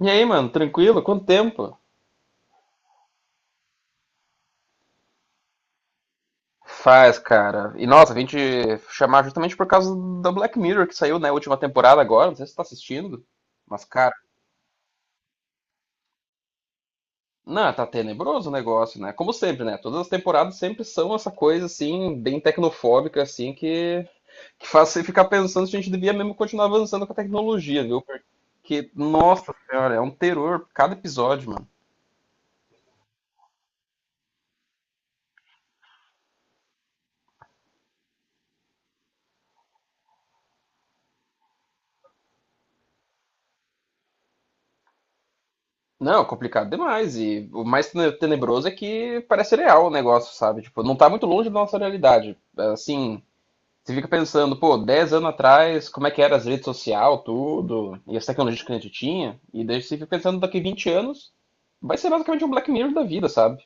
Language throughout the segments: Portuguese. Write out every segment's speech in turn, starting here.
E aí, mano, tranquilo? Quanto tempo? Faz, cara. E nossa, vim te chamar justamente por causa da Black Mirror que saiu, né, a última temporada agora. Não sei se você tá assistindo. Mas, cara, não, tá tenebroso o negócio, né? Como sempre, né? Todas as temporadas sempre são essa coisa, assim, bem tecnofóbica, assim, que faz você ficar pensando se a gente devia mesmo continuar avançando com a tecnologia, viu? Porque, nossa senhora, é um terror cada episódio, mano. Não, complicado demais. E o mais tenebroso é que parece real o negócio, sabe? Tipo, não tá muito longe da nossa realidade. Assim, você fica pensando, pô, 10 anos atrás, como é que era as redes sociais, tudo, e as tecnologias que a gente tinha, e daí você fica pensando daqui 20 anos, vai ser basicamente um Black Mirror da vida, sabe?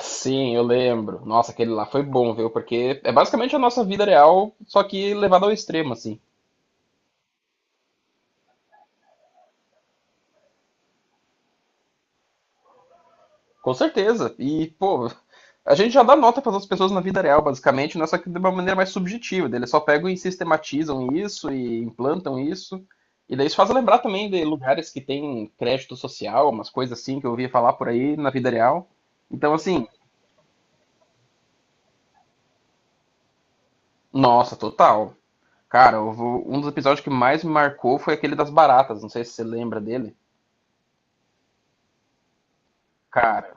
Sim, eu lembro. Nossa, aquele lá foi bom, viu? Porque é basicamente a nossa vida real, só que levada ao extremo, assim. Com certeza. E, pô, a gente já dá nota para as pessoas na vida real, basicamente, não é só que de uma maneira mais subjetiva. Eles só pegam e sistematizam isso e implantam isso. E daí isso faz lembrar também de lugares que tem crédito social, umas coisas assim que eu ouvia falar por aí na vida real. Então, assim, nossa, total. Cara, um dos episódios que mais me marcou foi aquele das baratas. Não sei se você lembra dele. Cara,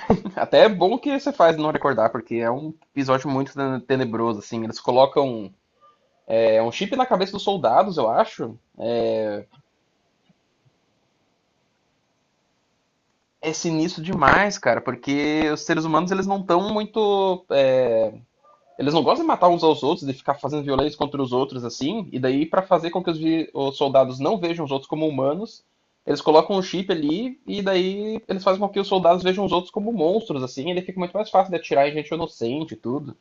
até é bom que você faz não recordar, porque é um episódio muito tenebroso, assim. Eles colocam É um chip na cabeça dos soldados, eu acho. É sinistro demais, cara, porque os seres humanos, eles não estão muito. Eles não gostam de matar uns aos outros, de ficar fazendo violência contra os outros assim. E daí, pra fazer com que os soldados não vejam os outros como humanos, eles colocam um chip ali e daí eles fazem com que os soldados vejam os outros como monstros assim. E ele fica muito mais fácil de atirar em gente inocente e tudo.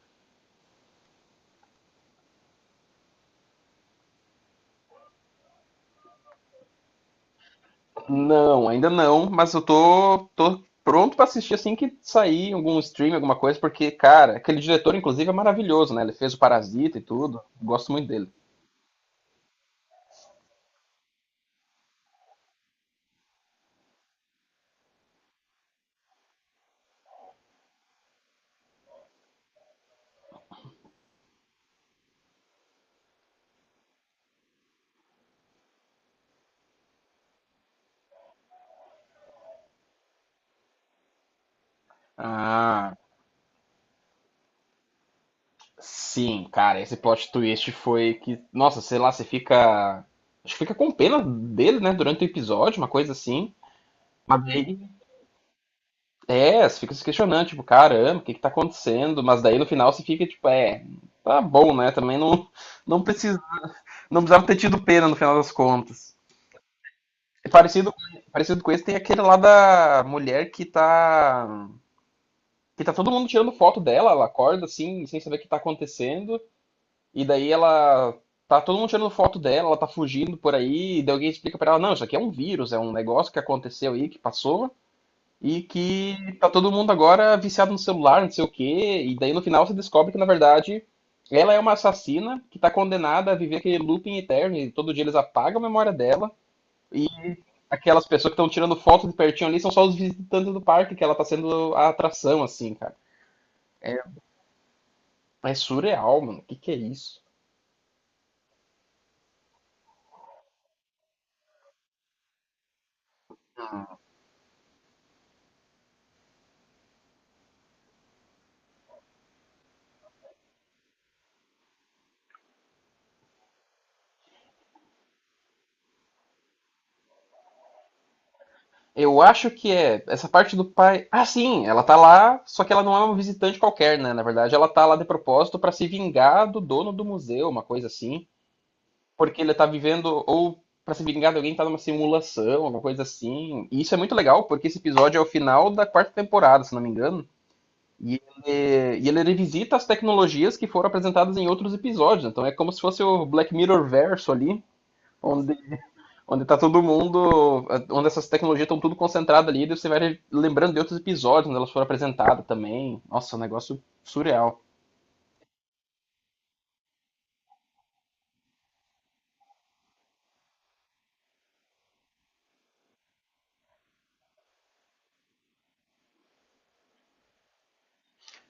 Não, ainda não, mas eu tô pronto pra assistir assim que sair algum stream, alguma coisa, porque, cara, aquele diretor, inclusive, é maravilhoso, né? Ele fez o Parasita e tudo. Gosto muito dele. Ah, sim, cara, esse plot twist foi que, nossa, sei lá, você fica. Acho que fica com pena dele, né, durante o episódio, uma coisa assim. Mas daí, você fica se questionando, tipo, caramba, o que que tá acontecendo? Mas daí no final você fica, tipo, é, tá bom, né? Também não, não precisa, não precisava ter tido pena no final das contas. É Parecido, com- parecido com esse, tem aquele lá da mulher que tá. Que tá todo mundo tirando foto dela, ela acorda assim, sem saber o que tá acontecendo, e daí ela. Tá todo mundo tirando foto dela, ela tá fugindo por aí, e daí alguém explica pra ela, não, isso aqui é um vírus, é um negócio que aconteceu aí, que passou, e que tá todo mundo agora viciado no celular, não sei o quê, e daí no final você descobre que, na verdade, ela é uma assassina que tá condenada a viver aquele looping eterno, e todo dia eles apagam a memória dela aquelas pessoas que estão tirando foto de pertinho ali são só os visitantes do parque, que ela tá sendo a atração, assim, cara. É surreal, mano. O que, que é isso? Eu acho que é essa parte do pai. Ah, sim, ela tá lá, só que ela não é uma visitante qualquer, né? Na verdade, ela tá lá de propósito pra se vingar do dono do museu, uma coisa assim. Porque ele tá vivendo, ou pra se vingar de alguém que tá numa simulação, alguma coisa assim. E isso é muito legal, porque esse episódio é o final da quarta temporada, se não me engano. E ele revisita as tecnologias que foram apresentadas em outros episódios. Então é como se fosse o Black Mirror verso ali, onde, onde tá todo mundo. Onde essas tecnologias estão tudo concentradas ali, e você vai lembrando de outros episódios onde elas foram apresentadas também. Nossa, um negócio surreal.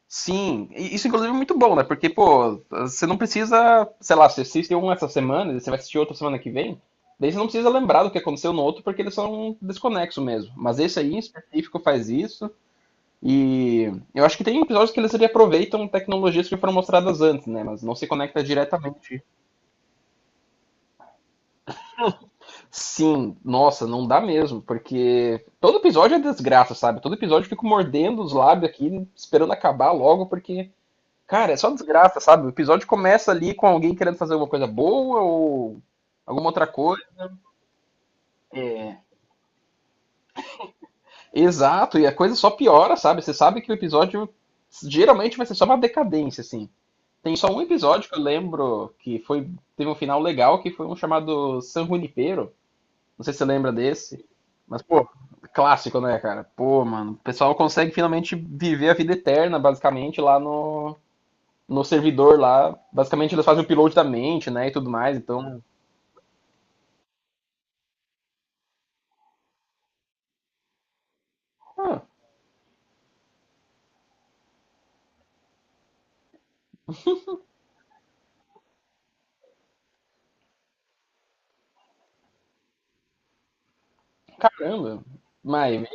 Sim, isso inclusive é muito bom, né? Porque, pô, você não precisa, sei lá, você assiste um essa semana, e você vai assistir outro semana que vem. Daí você não precisa lembrar do que aconteceu no outro, porque eles são desconexos mesmo. Mas esse aí em específico faz isso. E eu acho que tem episódios que eles aproveitam tecnologias que foram mostradas antes, né? Mas não se conecta diretamente. Sim, nossa, não dá mesmo, porque todo episódio é desgraça, sabe? Todo episódio eu fico mordendo os lábios aqui, esperando acabar logo, porque, cara, é só desgraça, sabe? O episódio começa ali com alguém querendo fazer alguma coisa boa ou alguma outra coisa. Exato, e a coisa só piora, sabe? Você sabe que o episódio geralmente vai ser só uma decadência, assim. Tem só um episódio que eu lembro teve um final legal, que foi um chamado San Junipero. Não sei se você lembra desse. Mas, pô, clássico, né, cara? Pô, mano, o pessoal consegue finalmente viver a vida eterna, basicamente, lá no, no servidor lá. Basicamente, eles fazem o upload da mente, né, e tudo mais. Então, ah, caramba. Mas,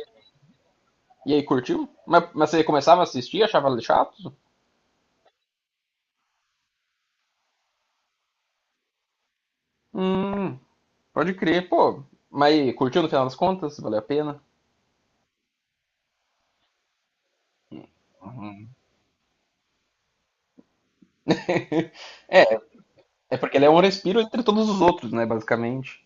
e aí, curtiu? Mas você começava a assistir, achava chato? Hum, pode crer, pô. Mas e aí, curtiu no final das contas? Valeu a pena? É, É porque ele é um respiro entre todos os outros, né, basicamente.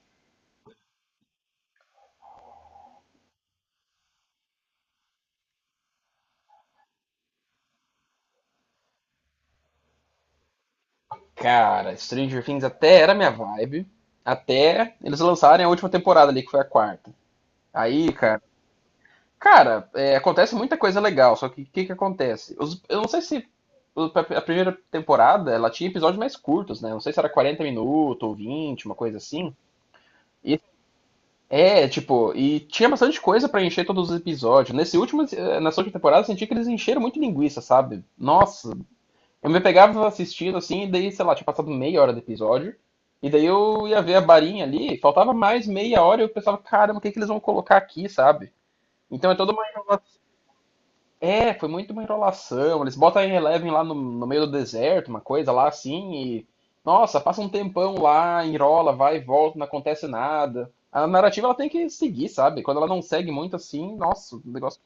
Cara, Stranger Things até era minha vibe, até eles lançarem a última temporada ali, que foi a quarta. Aí, cara, acontece muita coisa legal, só que o que que acontece? Eu não sei se a primeira temporada, ela tinha episódios mais curtos, né? Não sei se era 40 minutos ou 20, uma coisa assim. E, tipo, tinha bastante coisa pra encher todos os episódios. Nessa última temporada, eu senti que eles encheram muito linguiça, sabe? Nossa, eu me pegava assistindo assim, e daí, sei lá, tinha passado meia hora do episódio. E daí eu ia ver a barinha ali, faltava mais meia hora e eu pensava, caramba, o que que eles vão colocar aqui, sabe? Então é toda uma enrola- É, foi muito uma enrolação. Eles botam a Eleven lá no meio do deserto, uma coisa lá assim, e. Nossa, passa um tempão lá, enrola, vai e volta, não acontece nada. A narrativa, ela tem que seguir, sabe? Quando ela não segue muito assim, nossa, o negócio.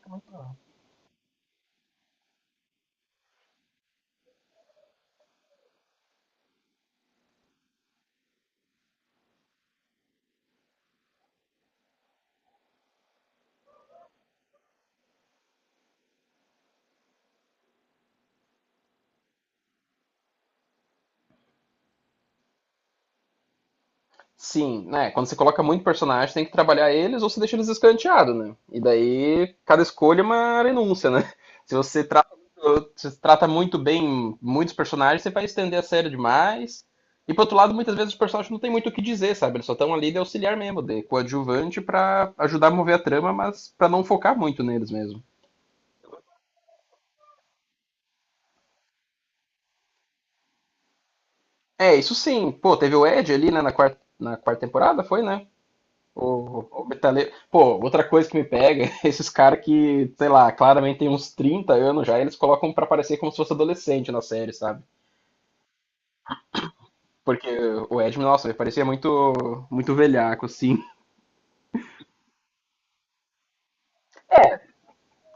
Sim, né? Quando você coloca muito personagem, tem que trabalhar eles ou você deixa eles escanteados, né? E daí cada escolha é uma renúncia, né? Se você trata muito bem muitos personagens, você vai estender a série demais. E por outro lado, muitas vezes os personagens não têm muito o que dizer, sabe? Eles só estão ali de auxiliar mesmo, de coadjuvante pra ajudar a mover a trama, mas pra não focar muito neles mesmo. É, isso sim. Pô, teve o Ed ali, né, na quarta temporada, foi, né? O metaleiro. Pô, outra coisa que me pega é esses caras que, sei lá, claramente tem uns 30 anos já, eles colocam pra parecer como se fosse adolescente na série, sabe? Porque o Edmund, nossa, ele parecia muito, muito velhaco, assim.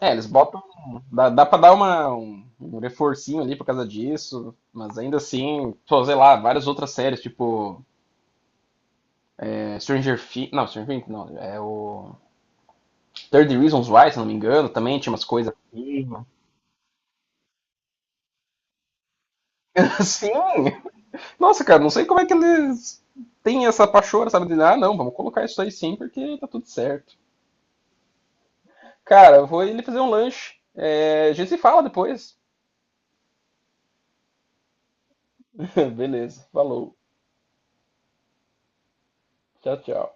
É, eles botam. Dá pra dar um reforcinho ali por causa disso, mas ainda assim, pô, sei lá, várias outras séries, tipo Stranger Things. Não, Stranger Things não, é o. 30 Reasons Why, se não me engano, também tinha umas coisas assim. Nossa, cara, não sei como é que eles têm essa pachorra, sabe? De, ah, não, vamos colocar isso aí sim, porque tá tudo certo. Cara, vou ele fazer um lanche. É, a gente se fala depois. Beleza, falou. Tchau, tchau.